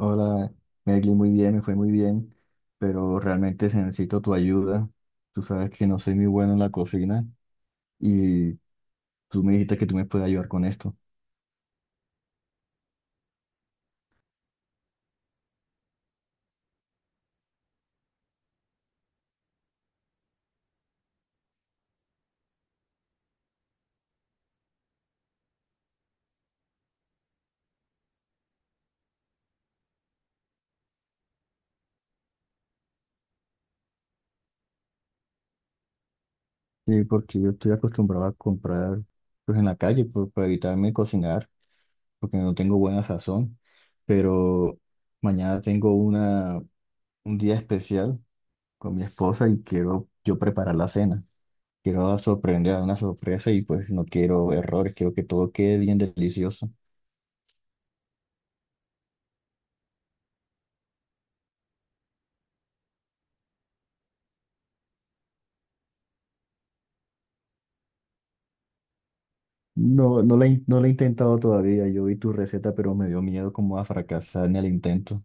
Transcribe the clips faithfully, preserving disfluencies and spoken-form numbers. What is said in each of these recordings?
Hola, Egli, muy bien, me fue muy bien, pero realmente se- necesito tu ayuda. Tú sabes que no soy muy bueno en la cocina y tú me dijiste que tú me puedes ayudar con esto. Sí, porque yo estoy acostumbrado a comprar pues en la calle por- para evitarme cocinar, porque no tengo buena sazón, pero mañana tengo una, un día especial con mi esposa y quiero yo preparar la cena. Quiero sorprender a una sorpresa y pues no quiero errores, quiero que todo quede bien delicioso. No, no la, in- no la he intentado todavía. Yo vi tu receta, pero me dio miedo como a fracasar en el intento.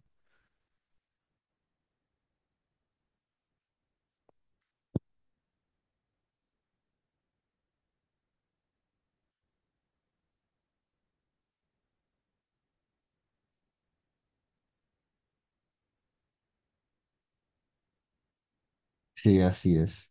Sí, así es.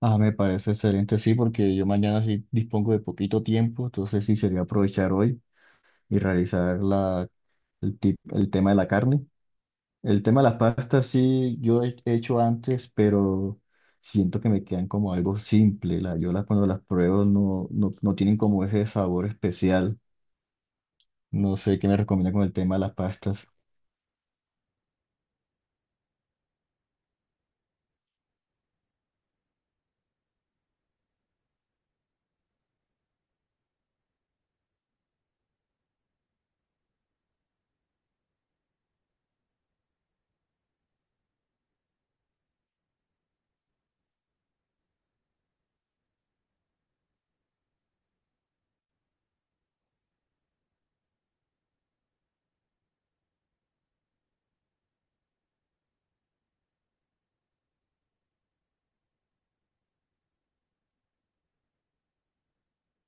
Ah, me parece excelente, sí, porque yo mañana sí dispongo de poquito tiempo, entonces sí sería aprovechar hoy y realizar la, el, ti- el tema de la carne. El tema de las pastas sí yo he he hecho antes, pero siento que me quedan como algo simple. La, yo las Cuando las pruebo no, no, no tienen como ese sabor especial. No sé qué me recomienda con el tema de las pastas.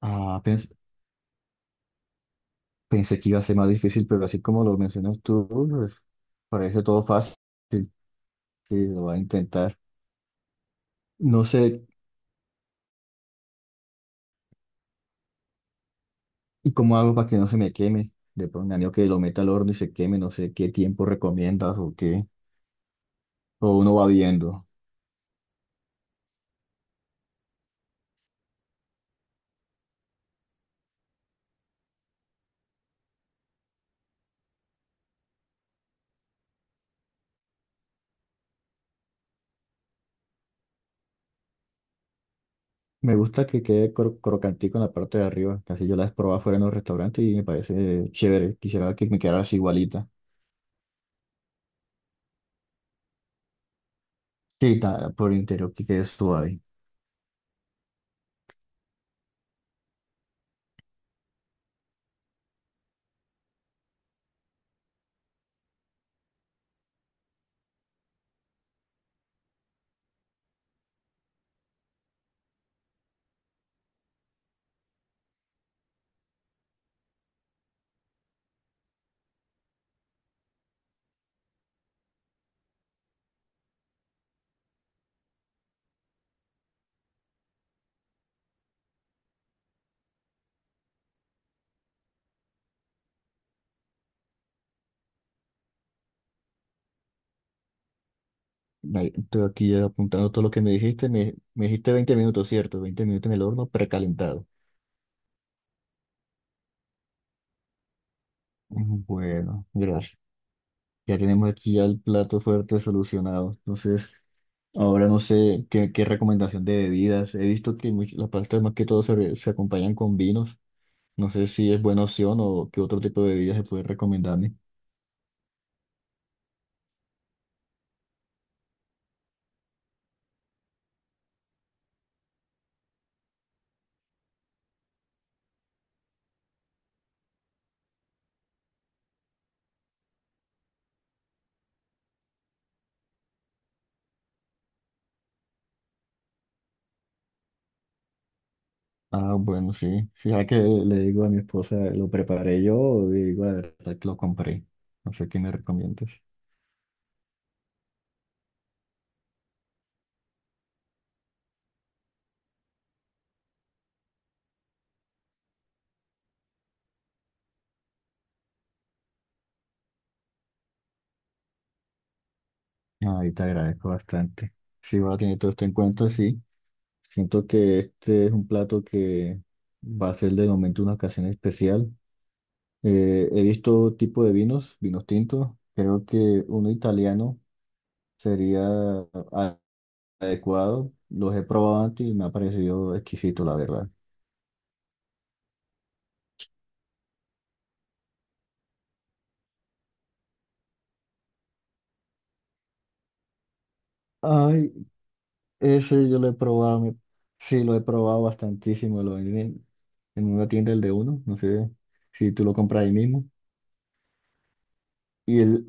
Ah, pens- Pensé que iba a ser más difícil, pero así como lo mencionas tú, pues, parece todo fácil, que lo va a intentar. No sé, ¿y cómo hago para que no se me queme? De pronto, anillo que lo meta al horno y se queme, no sé qué tiempo recomiendas o qué, o uno va viendo. Me gusta que quede cro- crocantico en la parte de arriba, casi yo la he probado fuera en los restaurantes y me parece chévere. Quisiera que me quedara así igualita. Sí, ta- por interior que quede suave. Ahí, estoy aquí apuntando todo lo que me dijiste. Me, me dijiste veinte minutos, ¿cierto? Veinte minutos en el horno precalentado. Bueno, gracias. Ya tenemos aquí ya el plato fuerte solucionado. Entonces, ahora no sé qué, qué recomendación de bebidas. He visto que much- las pastas más que todo se, re- se acompañan con vinos. No sé si es buena opción o qué otro tipo de bebidas se puede recomendarme. Ah, bueno, sí. Sí, ya que le digo a mi esposa, lo preparé yo o le digo la verdad que lo compré. No sé qué me recomiendas. Ahí te agradezco bastante. Sí, voy a tener todo esto en cuenta, sí. Siento que este es un plato que va a ser de momento una ocasión especial. Eh, he visto tipo de vinos, vinos tintos. Creo que uno italiano sería a- adecuado. Los he probado antes y me ha parecido exquisito, la verdad. Ay, ese yo lo he probado. me- Sí, lo he probado bastantísimo. Lo venden en, en una tienda, el de uno. No sé si tú lo compras ahí mismo. Y el,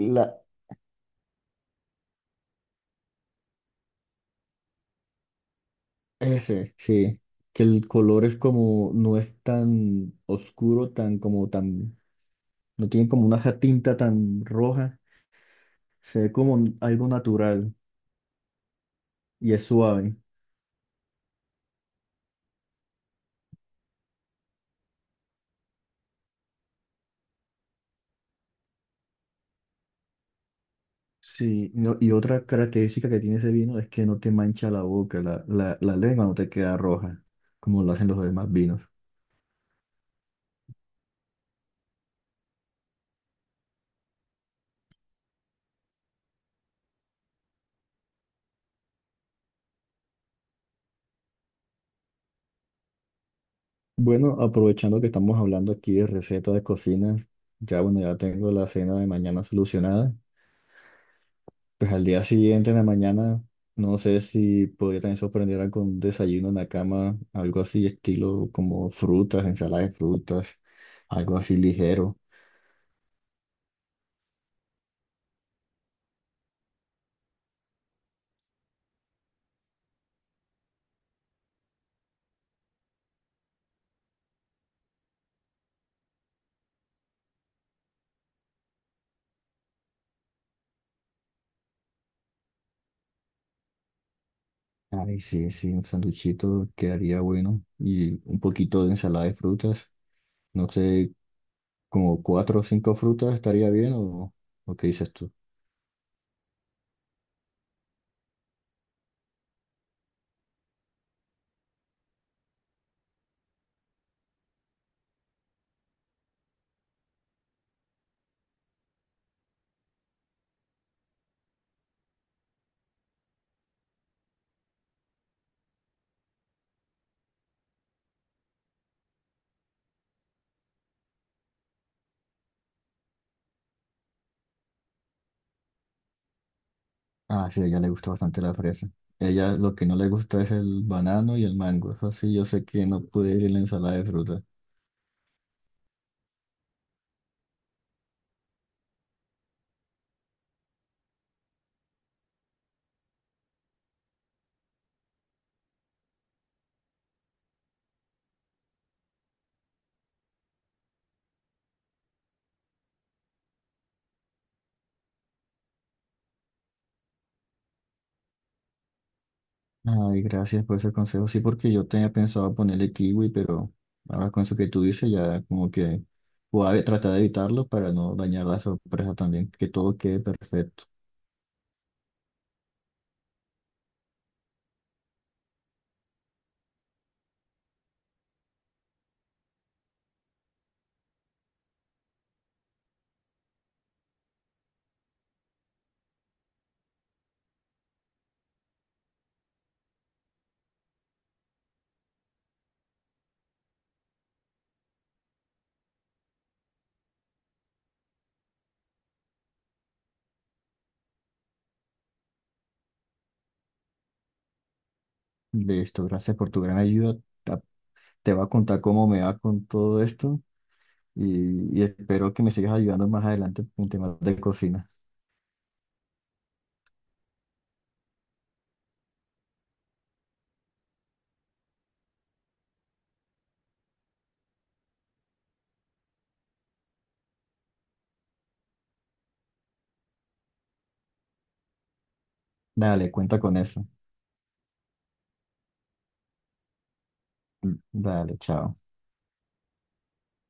Ese, sí. Que el color es como, no es tan oscuro, tan como tan, no tiene como una ja- tinta tan roja. Se ve como n- algo natural y es suave. Sí, no- y otra característica que tiene ese vino es que no te mancha la boca, la, la, la lengua no te queda roja, como lo hacen los demás vinos. Bueno, aprovechando que estamos hablando aquí de recetas de cocina, ya bueno, ya tengo la cena de mañana solucionada. Pues al día siguiente, en la mañana, no sé si podría también sorprenderla con un desayuno en la cama, algo así, estilo como frutas, ensalada de frutas, algo así ligero. Ay, sí, sí, un sanduchito quedaría bueno y un poquito de ensalada de frutas. No sé, como cuatro o cinco frutas estaría bien o, o qué dices tú. Ah, sí, a ella le gusta bastante la fresa. Ella lo que no le gusta es el banano y el mango. Eso sí, yo sé que no puede ir en la ensalada de frutas. Ay, gracias por ese consejo. Sí, porque yo tenía pensado ponerle kiwi, pero ahora con eso que tú dices, ya como que voy a tratar de evitarlo para no dañar la sorpresa también, que todo quede perfecto. Listo, gracias por tu gran ayuda. Ta- Te voy a contar cómo me va con todo esto y, y espero que me sigas ayudando más adelante con temas de cocina. Dale, cuenta con eso. Mm, dale, chao.